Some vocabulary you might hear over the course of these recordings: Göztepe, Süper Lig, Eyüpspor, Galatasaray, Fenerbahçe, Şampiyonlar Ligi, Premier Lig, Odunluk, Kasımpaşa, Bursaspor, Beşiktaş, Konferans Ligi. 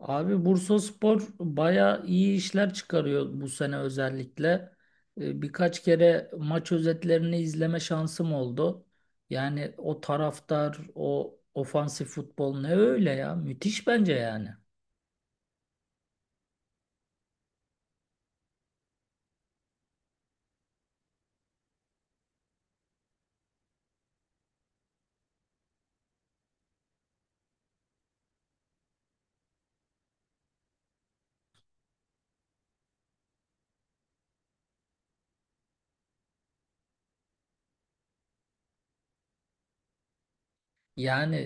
Abi Bursaspor baya iyi işler çıkarıyor bu sene özellikle. Birkaç kere maç özetlerini izleme şansım oldu. Yani o taraftar, o ofansif futbol ne öyle ya? Müthiş bence yani. Yani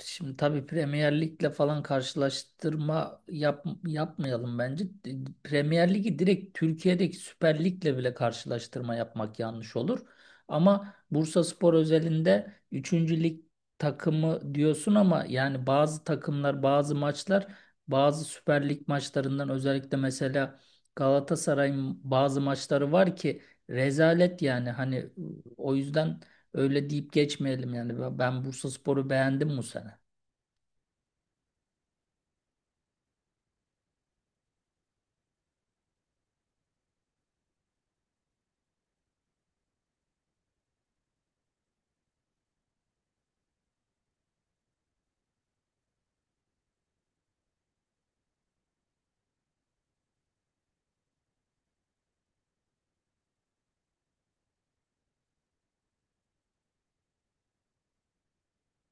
Şimdi tabii Premier Lig'le falan karşılaştırma yapmayalım bence. Premier Lig'i direkt Türkiye'deki Süper Lig'le bile karşılaştırma yapmak yanlış olur. Ama Bursaspor özelinde üçüncü lig takımı diyorsun ama yani bazı takımlar, bazı Süper Lig maçlarından özellikle mesela Galatasaray'ın bazı maçları var ki rezalet yani hani, o yüzden öyle deyip geçmeyelim yani. Ben Bursaspor'u beğendim bu sene.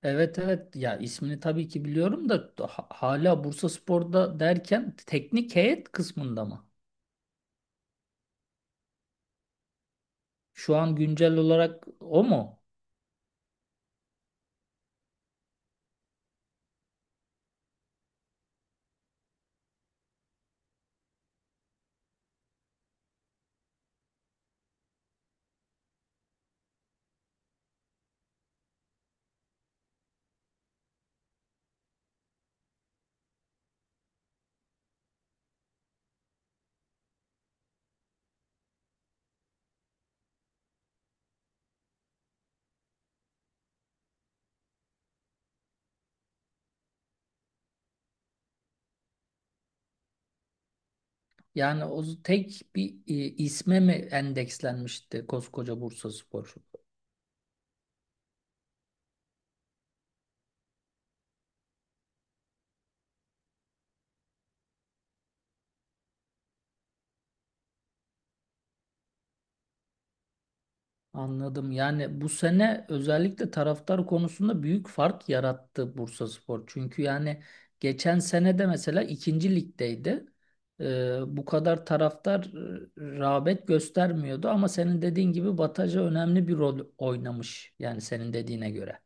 Evet evet ya, ismini tabii ki biliyorum da hala Bursaspor'da derken teknik heyet kısmında mı? Şu an güncel olarak o mu? Yani tek bir isme mi endekslenmişti koskoca Bursaspor? Anladım. Yani bu sene özellikle taraftar konusunda büyük fark yarattı Bursaspor. Çünkü yani geçen sene de mesela ikinci ligdeydi. Bu kadar taraftar rağbet göstermiyordu, ama senin dediğin gibi Bataja önemli bir rol oynamış. Yani senin dediğine göre.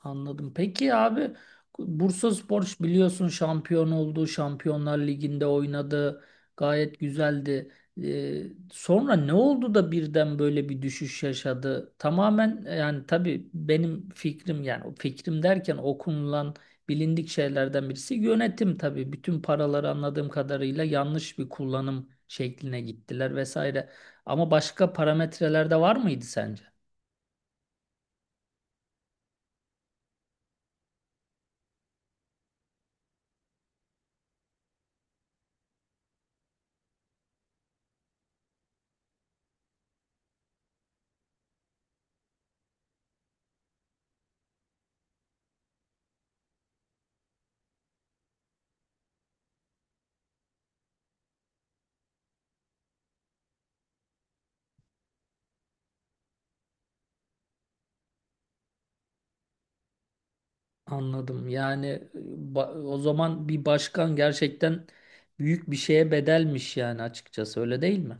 Anladım. Peki abi, Bursaspor biliyorsun şampiyon oldu. Şampiyonlar Ligi'nde oynadı. Gayet güzeldi. Ee, Sonra ne oldu da birden böyle bir düşüş yaşadı? Tamamen yani tabii benim fikrim, yani o fikrim derken, okunulan bilindik şeylerden birisi yönetim tabii. Bütün paraları anladığım kadarıyla yanlış bir kullanım şekline gittiler vesaire. Ama başka parametreler de var mıydı sence? Anladım. Yani o zaman bir başkan gerçekten büyük bir şeye bedelmiş yani, açıkçası, öyle değil mi?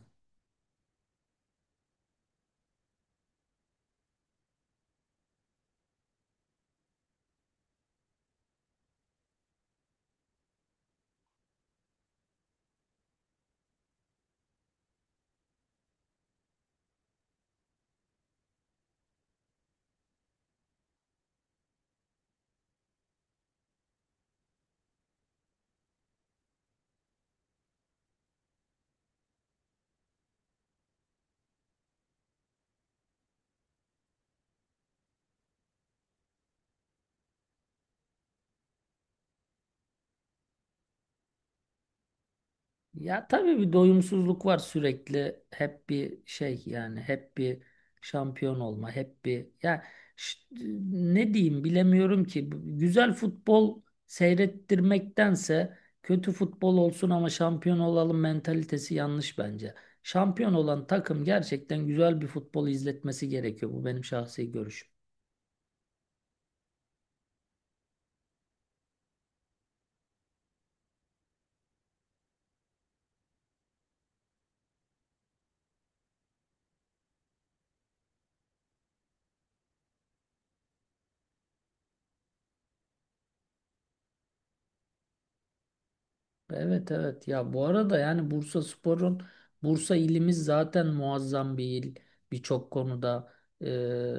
Ya tabii bir doyumsuzluk var sürekli. Hep bir şey, yani hep bir şampiyon olma, hep bir ya, ş- ne diyeyim bilemiyorum ki. Güzel futbol seyrettirmektense kötü futbol olsun ama şampiyon olalım mentalitesi yanlış bence. Şampiyon olan takım gerçekten güzel bir futbol izletmesi gerekiyor. Bu benim şahsi görüşüm. Evet evet ya, bu arada yani Bursaspor'un, Bursa ilimiz zaten muazzam bir il birçok konuda. Ee,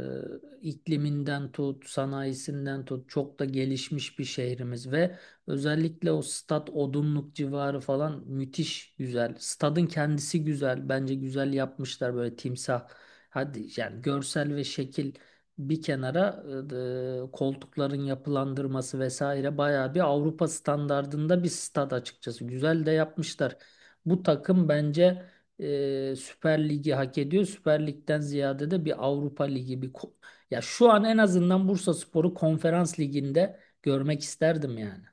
ikliminden tut, sanayisinden tut, çok da gelişmiş bir şehrimiz ve özellikle o stat Odunluk civarı falan müthiş güzel, stadın kendisi güzel bence, güzel yapmışlar böyle timsah, hadi yani görsel ve şekil bir kenara, koltukların yapılandırması vesaire bayağı bir Avrupa standardında bir stad açıkçası. Güzel de yapmışlar. Bu takım bence Süper Lig'i hak ediyor. Süper Lig'den ziyade de bir Avrupa Ligi, ya şu an en azından Bursaspor'u Konferans Ligi'nde görmek isterdim yani.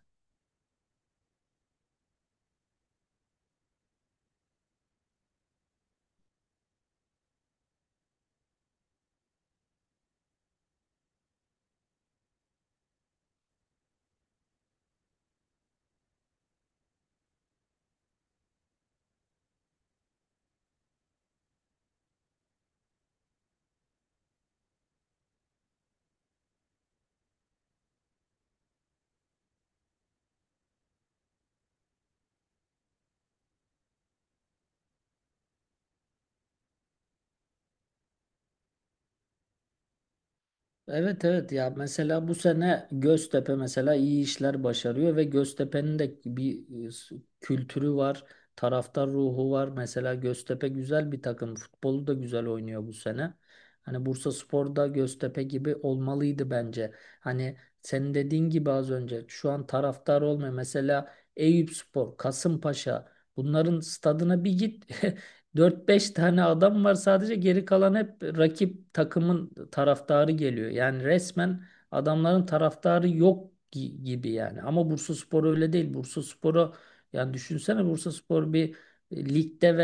Evet evet ya, mesela bu sene Göztepe mesela iyi işler başarıyor ve Göztepe'nin de bir kültürü var, taraftar ruhu var. Mesela Göztepe güzel bir takım, futbolu da güzel oynuyor bu sene. Hani Bursaspor da Göztepe gibi olmalıydı bence. Hani senin dediğin gibi az önce, şu an taraftar olmuyor. Mesela Eyüpspor, Kasımpaşa, bunların stadına bir git dört beş tane adam var sadece, geri kalan hep rakip takımın taraftarı geliyor. Yani resmen adamların taraftarı yok gibi yani. Ama Bursaspor öyle değil. Yani düşünsene, Bursaspor bir ligde ve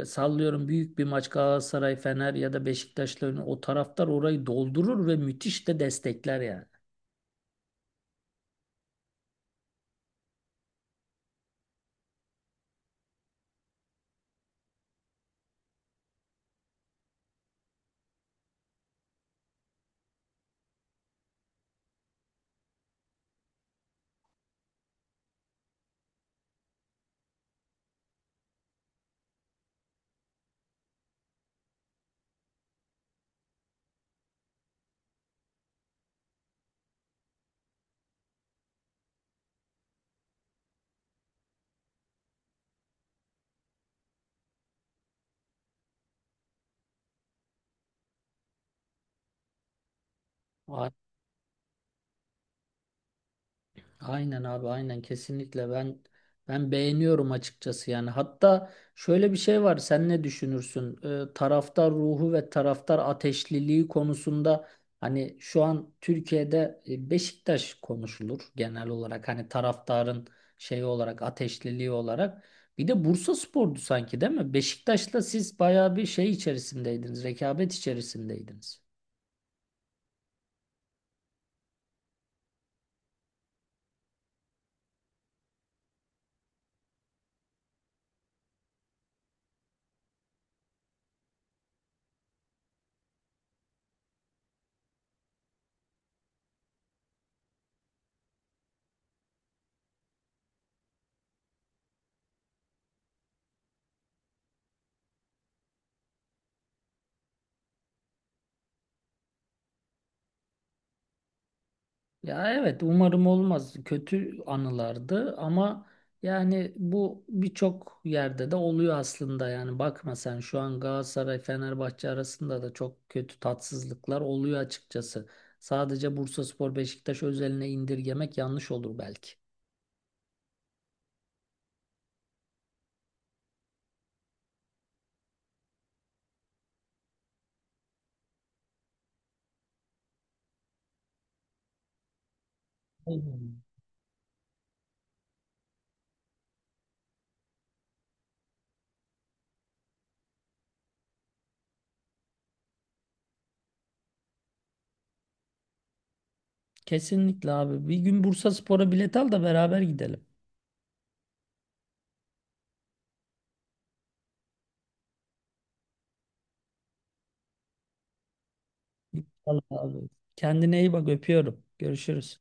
sallıyorum büyük bir maç, Galatasaray, Fener ya da Beşiktaş'la oynuyor, o taraftar orayı doldurur ve müthiş de destekler yani. Aynen abi aynen, kesinlikle ben beğeniyorum açıkçası yani. Hatta şöyle bir şey var, sen ne düşünürsün? Taraftar ruhu ve taraftar ateşliliği konusunda hani şu an Türkiye'de Beşiktaş konuşulur genel olarak, hani taraftarın şeyi olarak, ateşliliği olarak, bir de Bursaspor'du sanki, değil mi? Beşiktaş'la siz bayağı bir şey içerisindeydiniz, rekabet içerisindeydiniz. Ya evet, umarım olmaz. Kötü anılardı ama yani bu birçok yerde de oluyor aslında. Yani bakma sen, şu an Galatasaray Fenerbahçe arasında da çok kötü tatsızlıklar oluyor açıkçası. Sadece Bursaspor Beşiktaş özeline indirgemek yanlış olur belki. Aynen. Kesinlikle abi. Bir gün Bursaspor'a bilet al da beraber gidelim. İnşallah abi. Kendine iyi bak, öpüyorum. Görüşürüz.